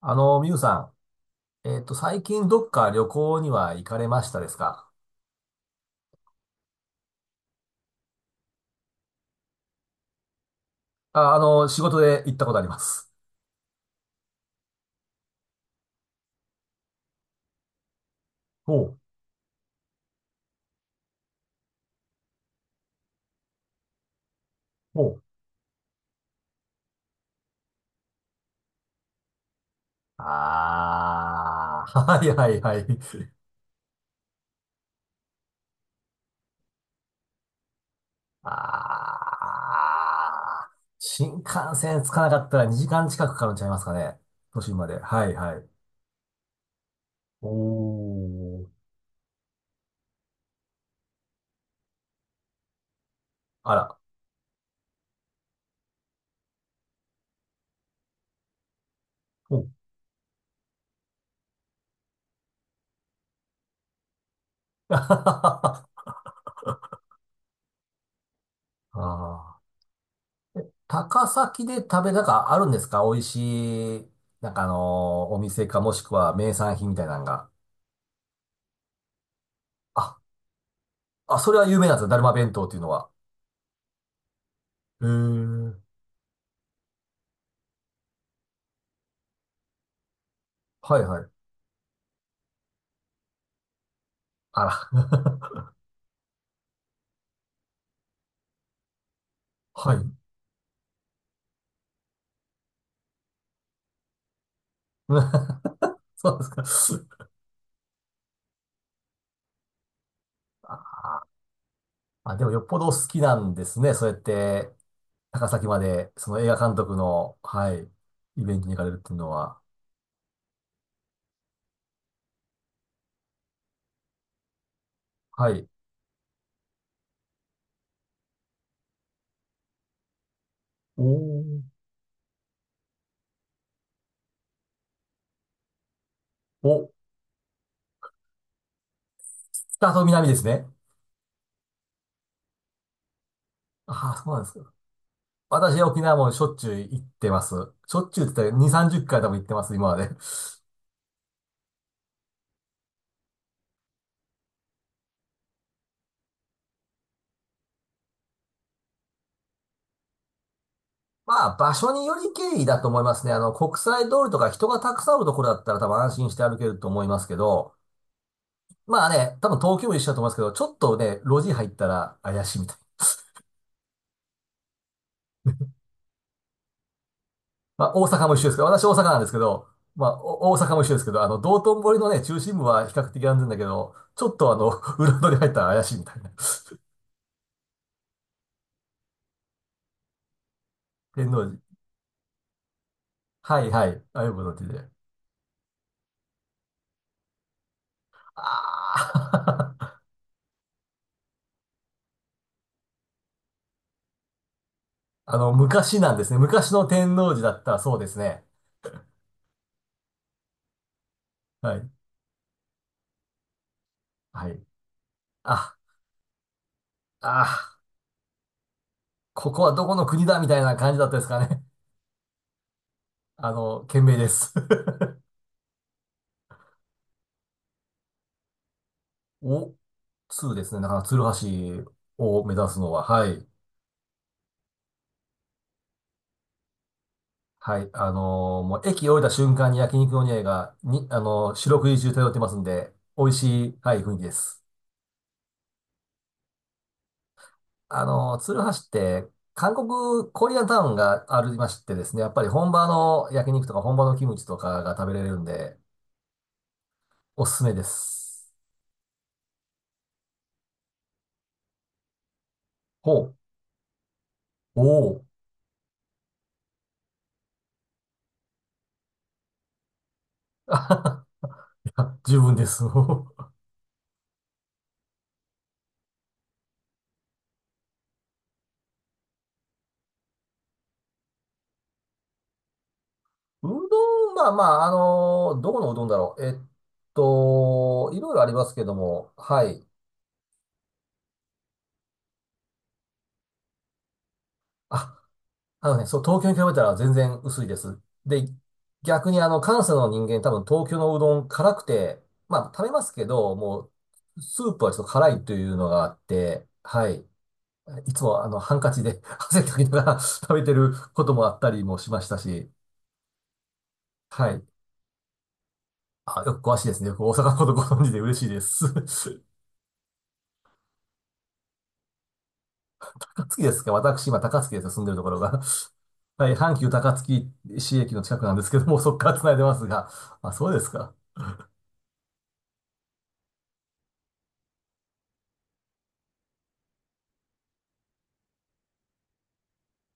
みゆさん、最近どっか旅行には行かれましたですか？あ、あの、仕事で行ったことあります。ほう。ほう。ああ、はいはいはい。ああ、新幹線着かなかったら2時間近くかかるんちゃいますかね。都心まで。はいはい。おー。あら。ほう。ああ。え、高崎で食べ、なんかあるんですか、美味しい、お店かもしくは名産品みたいなのが。あ、あ、それは有名なんですね。だるま弁当っていうのは。へえ。はいはい。あら。はい。そうですか。あ、あ、でもよっぽどお好きなんですね。そうやって、高崎まで、その映画監督の、はい、イベントに行かれるっていうのは。はい。おー。お、北と南ですね。ああ、そうなんですか。私、沖縄もしょっちゅう行ってます。しょっちゅうって言ったら2、30回多分行ってます、今まで。まあ、場所により経緯だと思いますね。あの、国際通りとか人がたくさんあるところだったら多分安心して歩けると思いますけど、まあね、多分東京も一緒だと思いますけど、ちょっとね、路地入ったら怪しいみたい。まあ、大阪も一緒ですけど、私大阪なんですけど、まあ、お大阪も一緒ですけど、あの、道頓堀のね、中心部は比較的安全だけど、ちょっとあの、裏通り入ったら怪しいみたいな。天王寺。はいはい。ああいうことで。ああ。あの、昔なんですね。昔の天王寺だったらそうですね。はい。はい。あ、あ、ここはどこの国だみたいな感じだったですかね。あの、懸命です。お、通ですね。だから、鶴橋を目指すのは、はい。はい。もう駅降りた瞬間に焼肉の匂いが、に、四六時中漂ってますんで、美味しい、はい、雰囲気です。鶴橋って、韓国コリアンタウンがありましてですね、やっぱり本場の焼肉とか本場のキムチとかが食べれるんで、おすすめです。ほう。お。お。あはは。いや十分です。うどん、どこのうどんだろう。いろいろありますけども、はい。あ、あのね、そう、東京に比べたら全然薄いです。で、逆にあの、関西の人間多分東京のうどん辛くて、まあ食べますけど、もう、スープはちょっと辛いというのがあって、はい。いつもあの、ハンカチで 汗かきながら食べてることもあったりもしましたし、はい。あ、よく詳しいですね。よく大阪のことご存知で嬉しいです。高槻ですか。私、今高槻ですよ。住んでるところが。はい、阪急高槻市駅の近くなんですけども、そこから繋いでますが。あ、そうですか。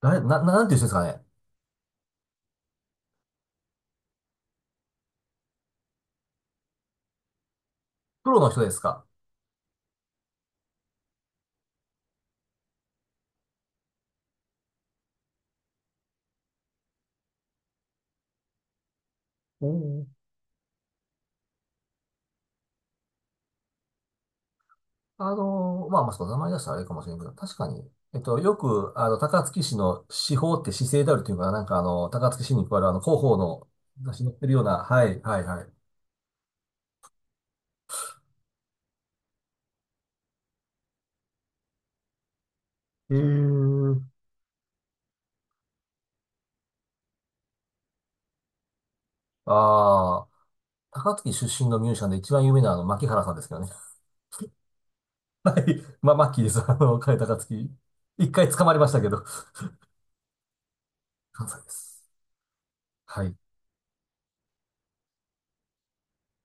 誰、ななんていう人ですかね。プロの人ですか？おー。まあ、そう、名前出したらあれかもしれんけど、確かに、よく、あの、高槻市の市法って市政であるというか、なんかあの、高槻市に加わるあの、広報の雑誌に載ってるような、はい、はい、はい。えー、ああ。高槻出身のミュージシャンで一番有名なあの、牧原さんですけどね。はい。まあ、マッキーです。あの、彼高槻。一回捕まりましたけど、関西です。はい。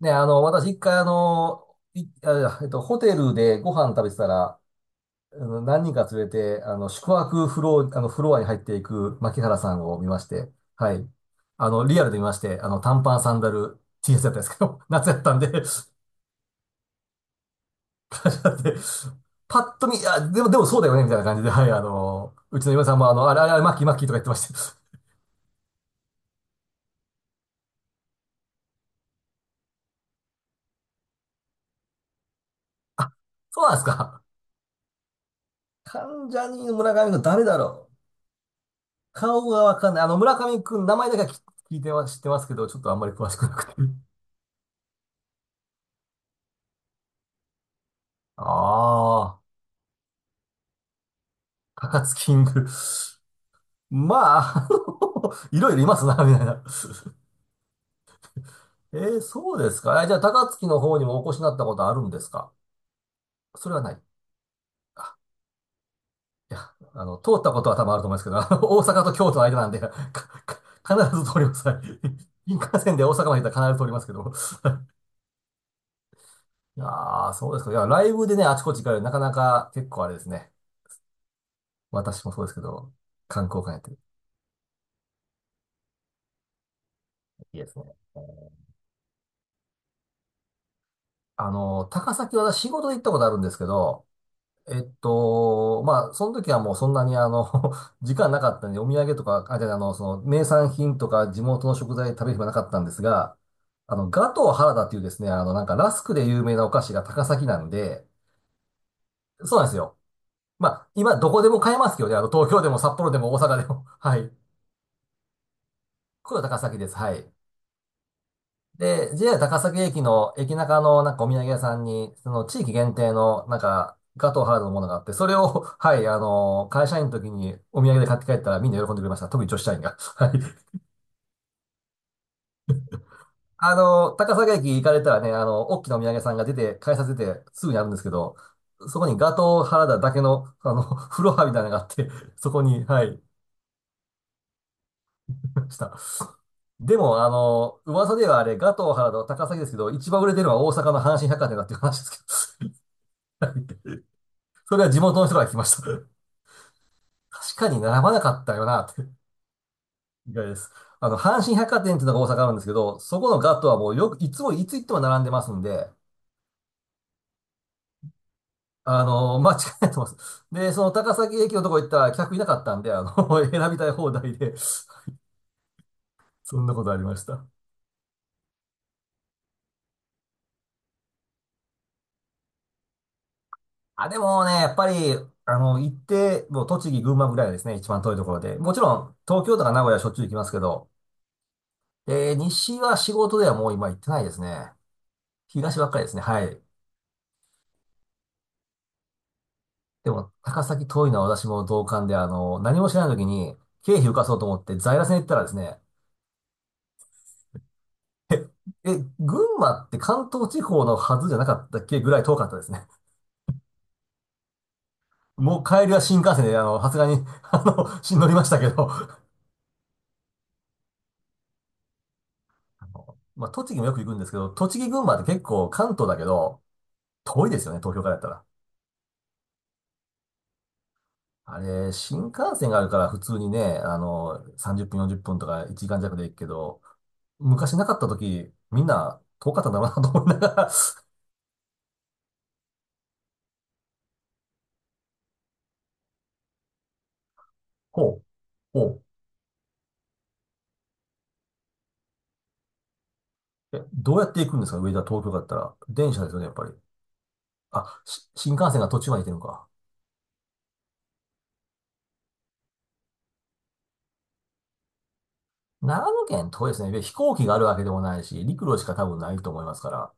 ね、あの、私一回あの、い、あ、えっと、ホテルでご飯食べてたら、あの何人か連れて、あの、宿泊フロア、あの、フロアに入っていく牧原さんを見まして、はい。あの、リアルで見まして、あの、短パン、サンダル、T シャツやったんですけど、夏やったんで だってパッと見、あ、でも、でもそうだよね、みたいな感じで、はい、あの、うちの嫁さんも、あの、あれあれ、あれマッキーマッキーとか言ってました。そうなんですか。関ジャニの村上君誰だろう。顔がわかんない。あの、村上君、名前だけは聞いては知ってますけど、ちょっとあんまり詳しくなくて。ああ、高津キング。まあ、あの、 いろいろいますな、みたいな。えー、そうですか。え、じゃあ、高槻の方にもお越しになったことあるんですか？それはない。いや、あの、通ったことは多分あると思うんですけど、あの大阪と京都の間なんで、必ず通ります。はい、 新幹線で大阪まで行ったら必ず通りますけど。いやー、そうですか。いや、ライブでね、あちこち行かれる、なかなか結構あれですね。私もそうですけど、観光館やってる。いいですね。あの、高崎は私仕事で行ったことあるんですけど、まあ、その時はもうそんなにあの、時間なかったんで、お土産とか、あ、じゃあ、あの、その、名産品とか地元の食材食べる暇なかったんですが、あの、ガトー原田っていうですね、あの、なんかラスクで有名なお菓子が高崎なんで、そうなんですよ。まあ、今どこでも買えますけどね、あの、東京でも札幌でも大阪でも。はい。これは高崎です。はい。で、JR 高崎駅の駅中のなんかお土産屋さんに、その地域限定のなんかガトーハードのものがあって、それを、はい、あの、会社員の時にお土産で買って帰ったらみんな喜んでくれました。特に女子社員が。はい。あの、高崎駅行かれたらね、あの、大きなお土産屋さんが出て、改札出てすぐにあるんですけど、そこにガトーハードだけの、あの、フロアみたいなのがあって、そこに、はい、いました。でも、あの、噂ではあれ、ガトーハード高崎ですけど、一番売れてるのは大阪の阪神百貨店だっていう話ですけど。はい、それは地元の人から聞きました。確かに並ばなかったよな、って。意外です。あの、阪神百貨店っていうのが大阪あるんですけど、そこのガットはもうよく、いつ行っても並んでますんで、あの間違いないと思います。で、その高崎駅のとこ行ったら客いなかったんで、あの 選びたい放題で、そんなことありました。あ、でもね、やっぱり、あの、行って、もう栃木、群馬ぐらいですね、一番遠いところで。もちろん、東京とか名古屋はしょっちゅう行きますけど、えー西は仕事ではもう今行ってないですね。東ばっかりですね。はい。でも、高崎遠いのは私も同感で、あの、何も知らない時に、経費浮かそうと思って在来線行ったらですね、え、群馬って関東地方のはずじゃなかったっけぐらい遠かったですね。もう帰りは新幹線で、あの、さすがに、あの、し乗りましたけど、あのまあ、栃木もよく行くんですけど、栃木群馬って結構関東だけど、遠いですよね、東京からやったら。あれ、新幹線があるから普通にね、あの、30分、40分とか1時間弱で行くけど、昔なかった時、みんな遠かったんだろうなと思いながら。ほう。ほう。え、どうやって行くんですか、上田、東京だったら。電車ですよね、やっぱり。あ、し新幹線が途中まで行ってるのか。長野県遠いですね。で飛行機があるわけでもないし、陸路しか多分ないと思いますから。